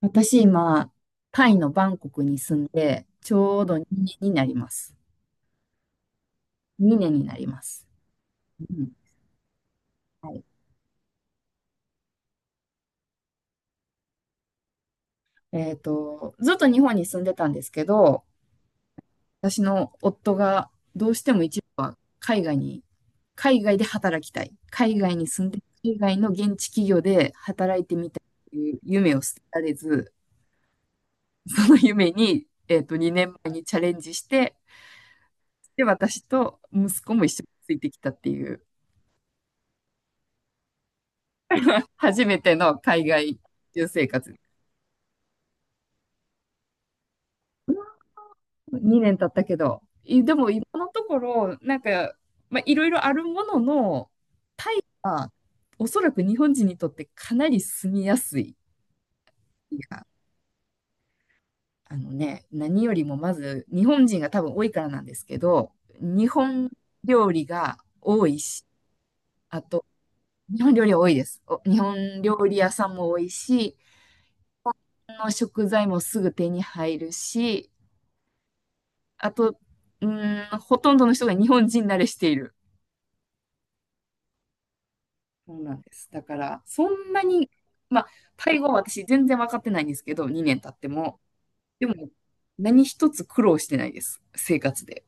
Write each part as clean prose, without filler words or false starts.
私今、タイのバンコクに住んで、ちょうど2年になります。2年になります。うん。はい。ずっと日本に住んでたんですけど、私の夫がどうしても一度は海外に、海外で働きたい。海外に住んで、海外の現地企業で働いてみたいという夢を捨てられず、その夢に、2年前にチャレンジして、で、私と息子も一緒についてきたっていう。初めての海外留生活。2年経ったけど。でも今のところ、なんか、まあ、いろいろあるものの、タイはおそらく日本人にとってかなり住みやすい。いや何よりもまず日本人が多分多いからなんですけど、日本料理が多いし、あと、日本料理は多いです。お日本料理屋さんも多いし、日本の食材もすぐ手に入るし、あと、ほとんどの人が日本人慣れしている。そうなんです。だから、そんなに、まあ、タイ語は私全然分かってないんですけど、2年経っても。でも、何一つ苦労してないです。生活で。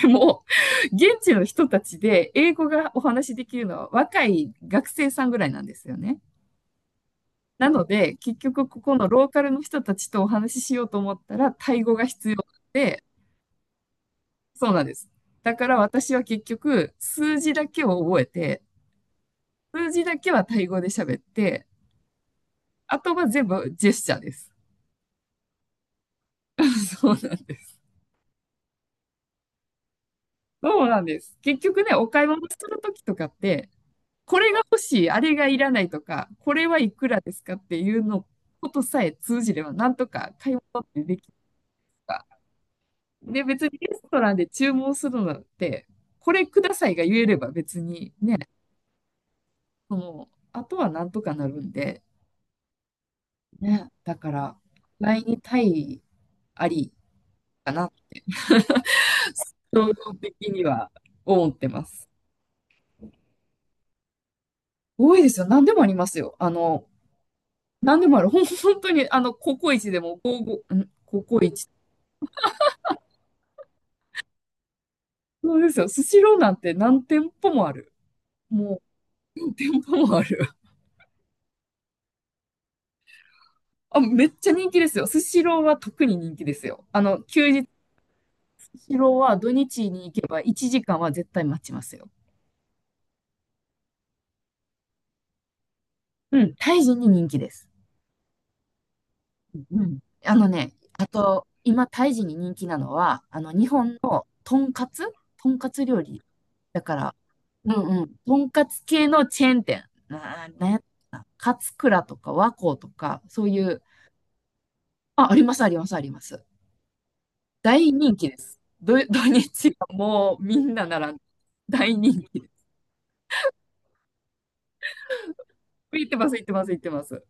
でも、現地の人たちで英語がお話しできるのは若い学生さんぐらいなんですよね。なので、結局ここのローカルの人たちとお話ししようと思ったら、タイ語が必要で、そうなんです。だから私は結局、数字だけを覚えて、数字だけはタイ語で喋って、あとは全部ジェスチャーです。そうなんです。そうなんです。結局ね、お買い物するときとかって、これが欲しい、あれがいらないとか、これはいくらですかっていうのことさえ通じれば、なんとか買い物ってできるか。で、別にレストランで注文するのって、これくださいが言えれば別にね、その、あとはなんとかなるんで、ね、だから、来にタイありかな衝動的には思ってます。多いですよ。何でもありますよ。あの、何でもある。本当に、あの、ココイチでも、ゴーゴー、ん、ココイチ。そうですよ。スシローなんて何店舗もある。もう、何店舗もある。あ、めっちゃ人気ですよ。スシローは特に人気ですよ。あの、休日、スシローは土日に行けば1時間は絶対待ちますよ。うん、タイ人に人気です。うん。あのね、あと、今、タイ人に人気なのは、あの、日本のとんかつとんかつ料理。だから、うんうん。とんかつ系のチェーン店。なんやったかな勝倉とか和光とか、そういう、あ、あります、あります、あります。大人気です。土、土日はもうみんな並んで、大人気です。行ってます、行ってます、行ってます。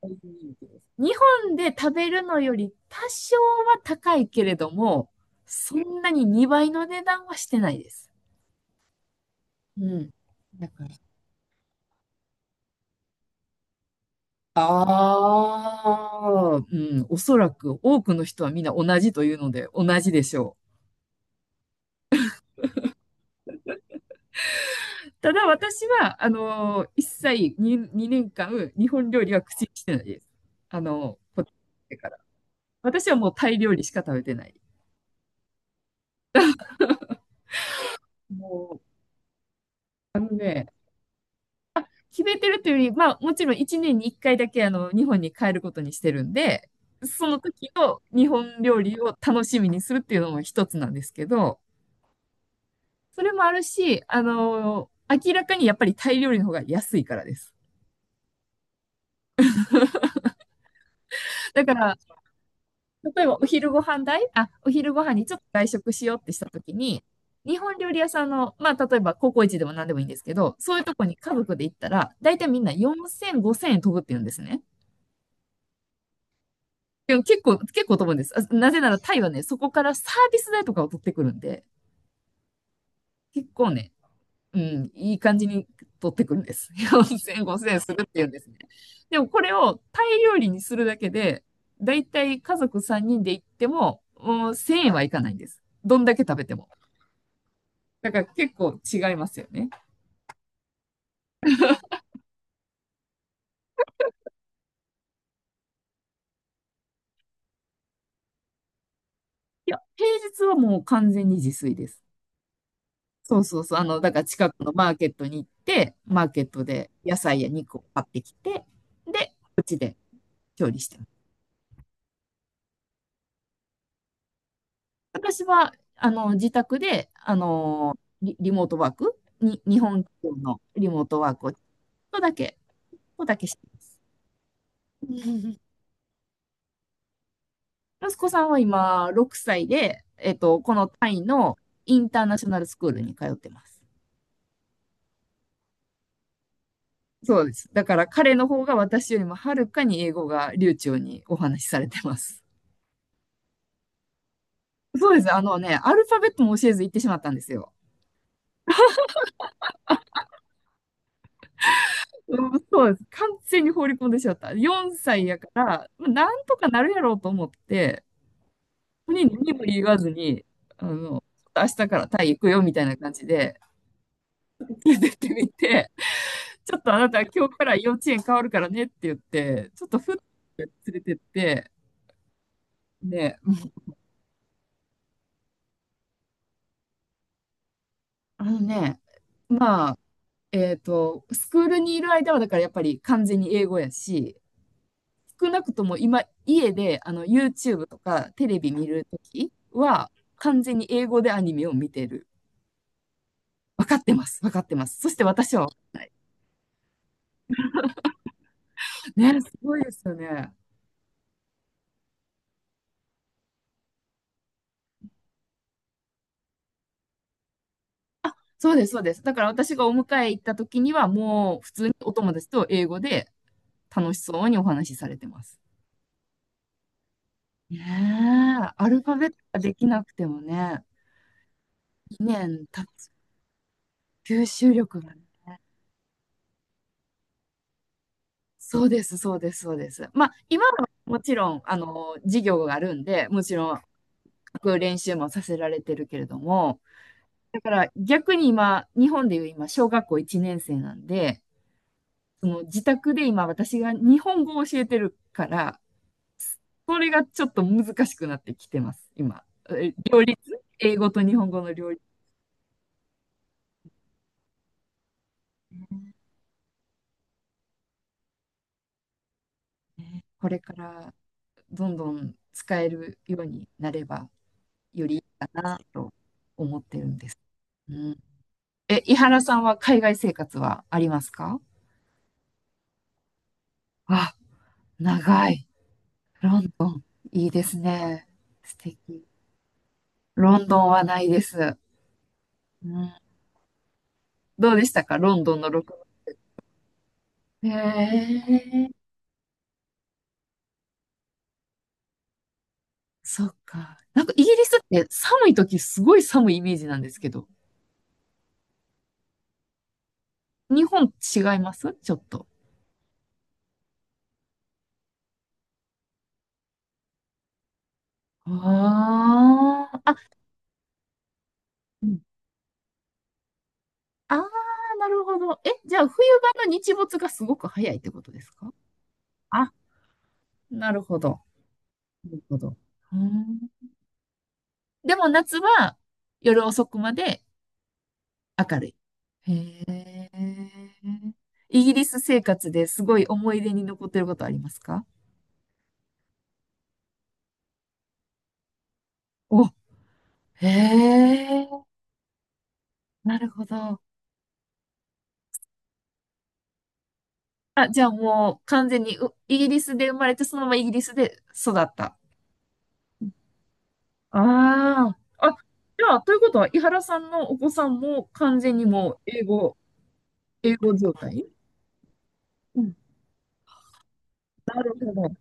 大人気です。日本で食べるのより多少は高いけれども、そんなに2倍の値段はしてないです。うん。だからああ、うん、おそらく多くの人はみんな同じというので同じでしょう。ただ私は、一切に2、年間日本料理は口にしてないです。こっち来てから。私はもうタイ料理しか食べてない。もう、あのね、決めてるというより、まあもちろん1年に1回だけあの日本に帰ることにしてるんで、その時の日本料理を楽しみにするっていうのも一つなんですけど、それもあるし、明らかにやっぱりタイ料理の方が安いからです。だから、例えばお昼ご飯代、あ、お昼ご飯にちょっと外食しようってしたときに、日本料理屋さんの、まあ、例えばココイチでも何でもいいんですけど、そういうとこに家族で行ったら、大体みんな4000、5000円飛ぶって言うんですね。でも結構飛ぶんです。あなぜならタイはね、そこからサービス代とかを取ってくるんで、結構ね、うん、いい感じに取ってくるんです。4000、5000するっていうんですね。でもこれをタイ料理にするだけで、だいたい家族3人で行っても、もう1000円はいかないんです。どんだけ食べても。だから結構違いますよね。いや、平日はもう完全に自炊です。そうそうそう。あの、だから近くのマーケットに行って、マーケットで野菜や肉を買ってきて、で、うちで調理して私は、あの、自宅で、あの、リモートワークに、日本企業のリモートワークをちょっとだけしてます。息子さんは今、6歳で、このタイのインターナショナルスクールに通ってます。そうです。だから彼の方が私よりもはるかに英語が流暢にお話しされてます。そうです。あのね、アルファベットも教えず行ってしまったんですよ。うんそうです。完全に放り込んでしまった。4歳やから、まあなんとかなるやろうと思って、に何も言わずに、あの、明日からタイ行くよみたいな感じで、出てってみて、ちょっとあなた今日から幼稚園変わるからねって言って、ちょっとふって連れてって、で、あのね、まあ、スクールにいる間はだからやっぱり完全に英語やし、少なくとも今、家であの YouTube とかテレビ見るときは、完全に英語でアニメを見てる。分かってます、分かってます。そして私は分かんない。ね、すごいですよね。そうです、そうです。だから私がお迎え行った時には、もう普通にお友達と英語で楽しそうにお話しされてます。ねえ、アルファベットができなくてもね、2年経つ吸収力がね。そうです、そうです、そうです。まあ、今はもちろん、あの、授業があるんで、もちろん、練習もさせられてるけれども、だから逆に今、日本でいう今、小学校1年生なんで、その自宅で今、私が日本語を教えてるから、これがちょっと難しくなってきてます、今。え両立、英語と日本語の両立。ねこれからどんどん使えるようになればよりいいかなと思ってるんです。うん、え、井原さんは海外生活はありますかあ、長い。ロンドン。いいですね。素敵。ロンドンはないです。うん、どうでしたかロンドンの録音へえ。そっか。なんかイギリスって寒い時すごい寒いイメージなんですけど、日本違いますちょっと。ああ、あ、うん。ああ、なるほど。え、じゃあ冬場の日没がすごく早いってことですかあ、なるほど。なるほど。うん。でも夏は夜遅くまで明るい。へえ。イギリス生活ですごい思い出に残ってることありますかお、へえ。なるほど。あ、じゃあもう完全にうイギリスで生まれて、そのままイギリスで育った。ああ。あ、じゃあ、ということは、井原さんのお子さんも完全にもう英語、英語状態うん。なるほど。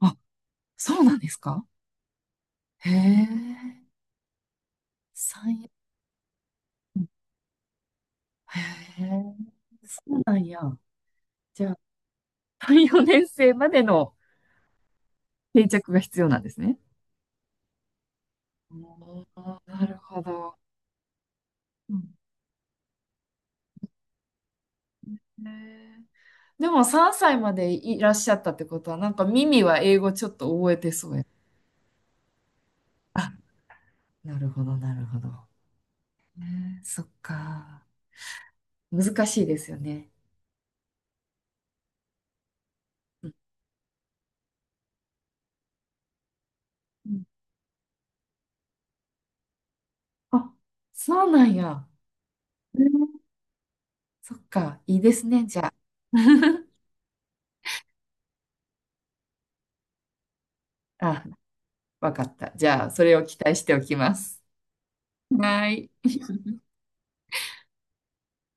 あ、そうなんですかへえ。三、うんへえ。そうなんや。じゃあ、3、4年生までの定着が必要なんですね。おーなるほど。うんへえでも3歳までいらっしゃったってことは、なんか耳は英語ちょっと覚えてそうや。あ、なるほど、なるほど。ねえそっか。難しいですよね。うんうんあ、そうなんや。ねそっか。いいですね、じゃあ。あ、わかった。じゃあ、それを期待しておきます。はい。